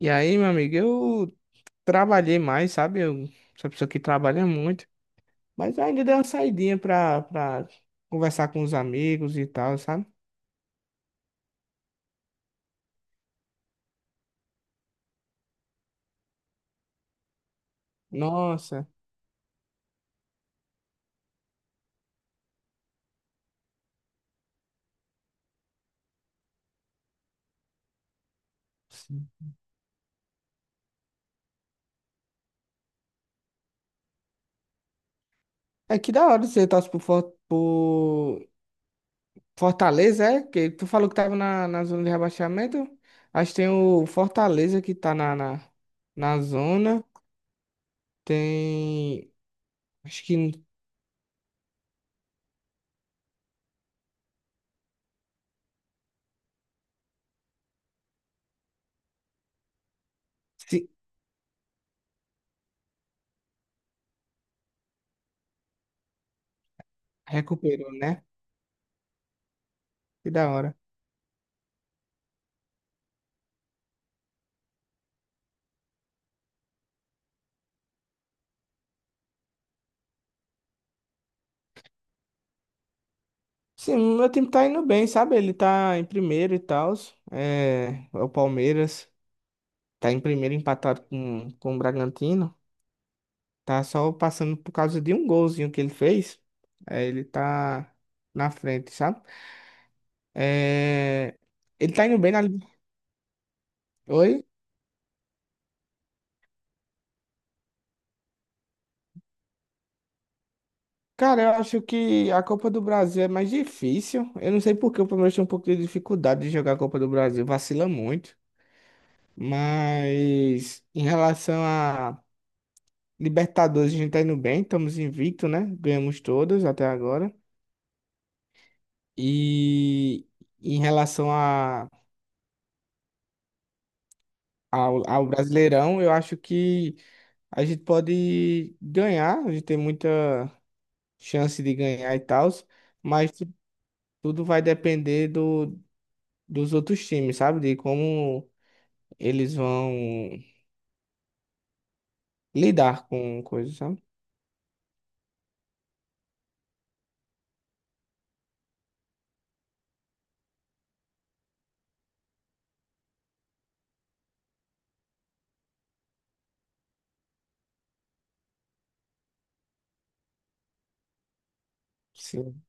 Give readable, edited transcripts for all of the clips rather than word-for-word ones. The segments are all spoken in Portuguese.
E aí, meu amigo, eu trabalhei mais, sabe? Eu sou uma pessoa que trabalha muito, mas ainda dei uma saidinha pra conversar com os amigos e tal, sabe? Nossa. Sim. É que da hora. Você torce por, por Fortaleza, é? Que tu falou que tava na zona de rebaixamento. Acho que tem o Fortaleza que tá na zona. Tem. Acho que se recuperou, né? Que da hora. Sim, meu time tá indo bem, sabe? Ele tá em primeiro e tal. É, é o Palmeiras tá em primeiro empatado com o Bragantino. Tá só passando por causa de um golzinho que ele fez. É, ele tá na frente, sabe? É, ele tá indo bem na. Li- Oi? Cara, eu acho que a Copa do Brasil é mais difícil. Eu não sei por que o Palmeiras tem um pouco de dificuldade de jogar a Copa do Brasil, vacila muito. Mas em relação a Libertadores, a gente tá indo bem, estamos invicto, né? Ganhamos todas até agora. E em relação ao Brasileirão, eu acho que a gente pode ganhar, a gente tem muita chance de ganhar e tal, mas tudo vai depender dos outros times, sabe? De como eles vão lidar com coisas, sabe? Sim.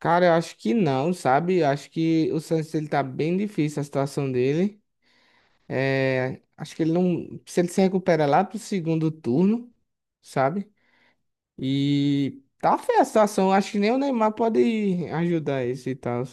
Cara, eu acho que não, sabe? Eu acho que o Santos ele tá bem difícil a situação dele. É, acho que ele não. Se ele se recupera lá pro segundo turno, sabe? E tá feia a situação. Acho que nem o Neymar pode ajudar isso e tal.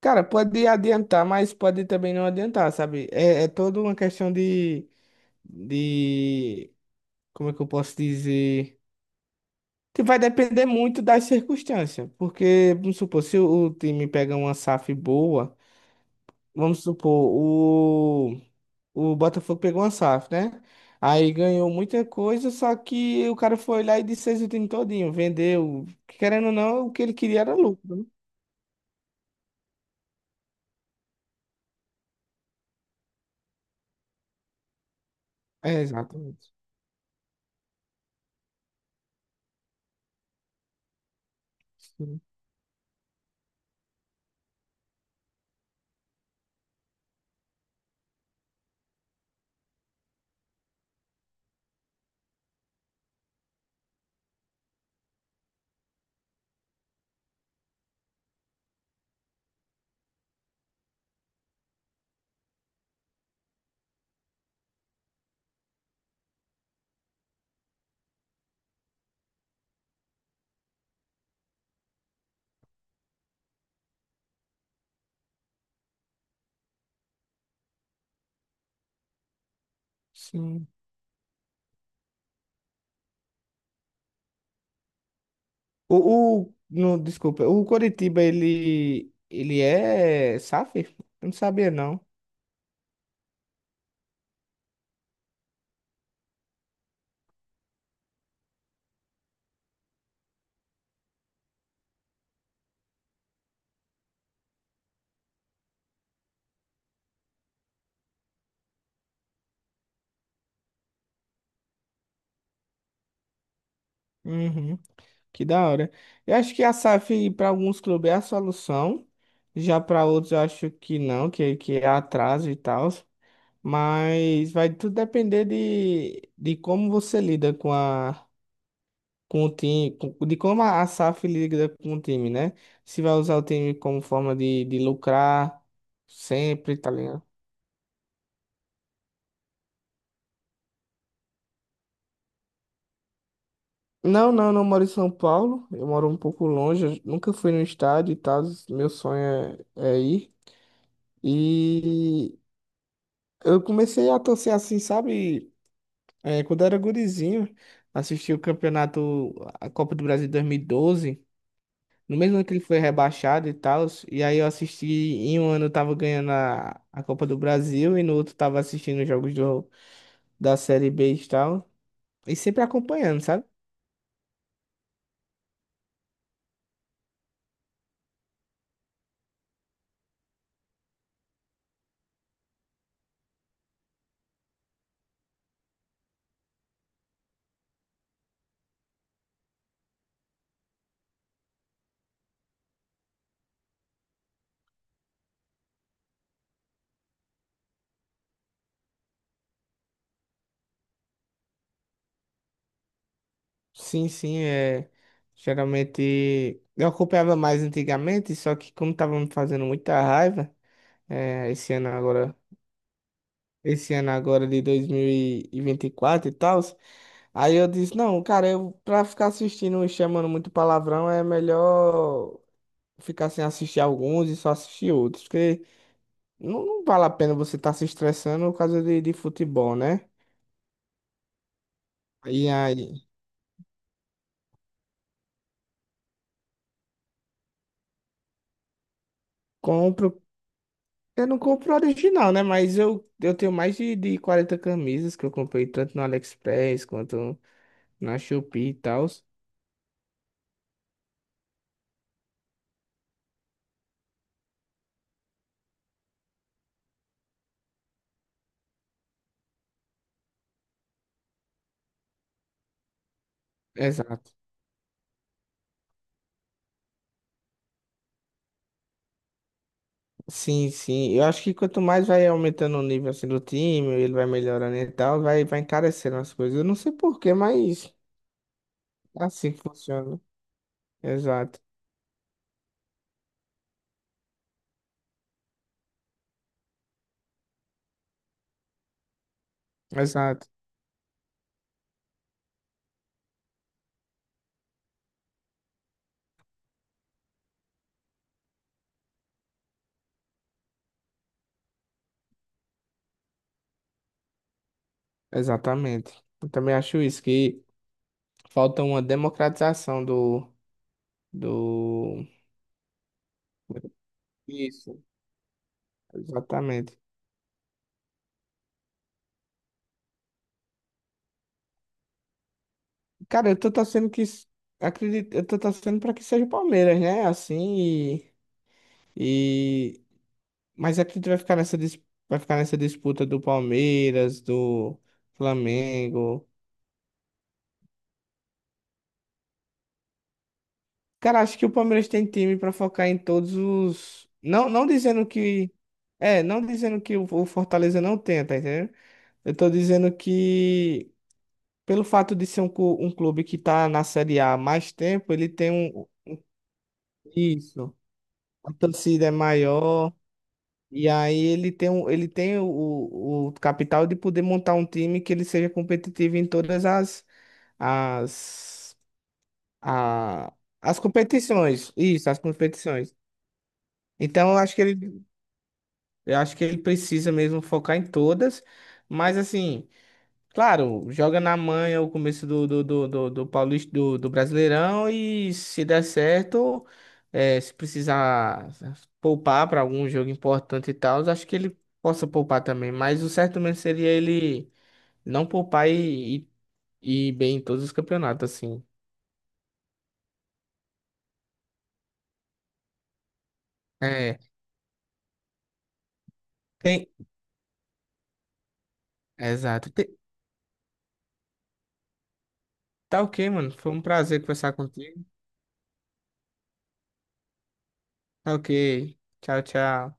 Cara, pode adiantar, mas pode também não adiantar, sabe? É, é toda uma questão de. Como é que eu posso dizer? Que vai depender muito das circunstâncias. Porque, vamos supor, se o time pega uma SAF boa, vamos supor, o Botafogo pegou uma SAF, né? Aí ganhou muita coisa, só que o cara foi lá e desfez o time todinho, vendeu. Querendo ou não, o que ele queria era lucro, né? É, exatamente. Sim, sim. O, no, Desculpa, o Coritiba, ele é SAF? Eu não sabia, não. Uhum, que da hora. Eu acho que a SAF para alguns clubes é a solução, já para outros eu acho que não, que é atraso e tal. Mas vai tudo depender de como você lida com a com o time, com- de como a SAF lida com o time, né? Se vai usar o time como forma de lucrar sempre, tá ligado? Não, não, não moro em São Paulo. Eu moro um pouco longe. Eu nunca fui no estádio e tal. Meu sonho é ir. E eu comecei a torcer assim, sabe? É, quando eu era gurizinho, assisti o campeonato, a Copa do Brasil 2012. No mesmo ano que ele foi rebaixado e tal, e aí eu assisti, em um ano eu tava ganhando a Copa do Brasil e no outro tava assistindo os jogos da Série B e tal, e sempre acompanhando, sabe? Sim, sim, é. Geralmente eu acompanhava mais antigamente, só que como tava me fazendo muita raiva, é, esse ano agora, esse ano agora de 2024 e vinte e quatro e tal, aí eu disse, não, cara, eu pra ficar assistindo e chamando muito palavrão é melhor ficar sem assistir alguns e só assistir outros, porque não, não vale a pena você estar se estressando por causa de futebol, né? E aí, compro, eu não compro original, né? Mas eu tenho mais de 40 camisas que eu comprei tanto no AliExpress quanto na Shopee e tal. Exato. Sim, sim. Eu acho que quanto mais vai aumentando o nível assim, do time, ele vai melhorando e tal, vai encarecendo as coisas. Eu não sei porquê, mas é assim que funciona. Exato. Exato. Exatamente. Eu também acho isso, que falta uma democratização do. Isso. Exatamente. Cara, eu tô torcendo que... s- Acredito, eu tô torcendo pra que seja o Palmeiras, né? Assim, e... Mas acredito que vai ficar vai ficar nessa disputa do Palmeiras, do Flamengo. Cara, acho que o Palmeiras tem time pra focar em todos os... Não, não dizendo que... É, não dizendo que o Fortaleza não tenta, entendeu? Eu tô dizendo que, pelo fato de ser um clube que tá na Série A há mais tempo, ele tem um. Isso. A torcida é maior. E aí ele tem o capital de poder montar um time que ele seja competitivo em todas as, a, as competições. Isso, as competições. Então eu acho que eu acho que ele precisa mesmo focar em todas. Mas assim. Claro, joga na manha o começo do Paulista, do Brasileirão e se der certo, se precisar poupar para algum jogo importante e tal, acho que ele possa poupar também. Mas o certo mesmo seria ele não poupar e ir bem em todos os campeonatos, assim. É, tem. Exato. Tem- Tá ok, mano. Foi um prazer conversar contigo. Tá ok. Tchau, tchau.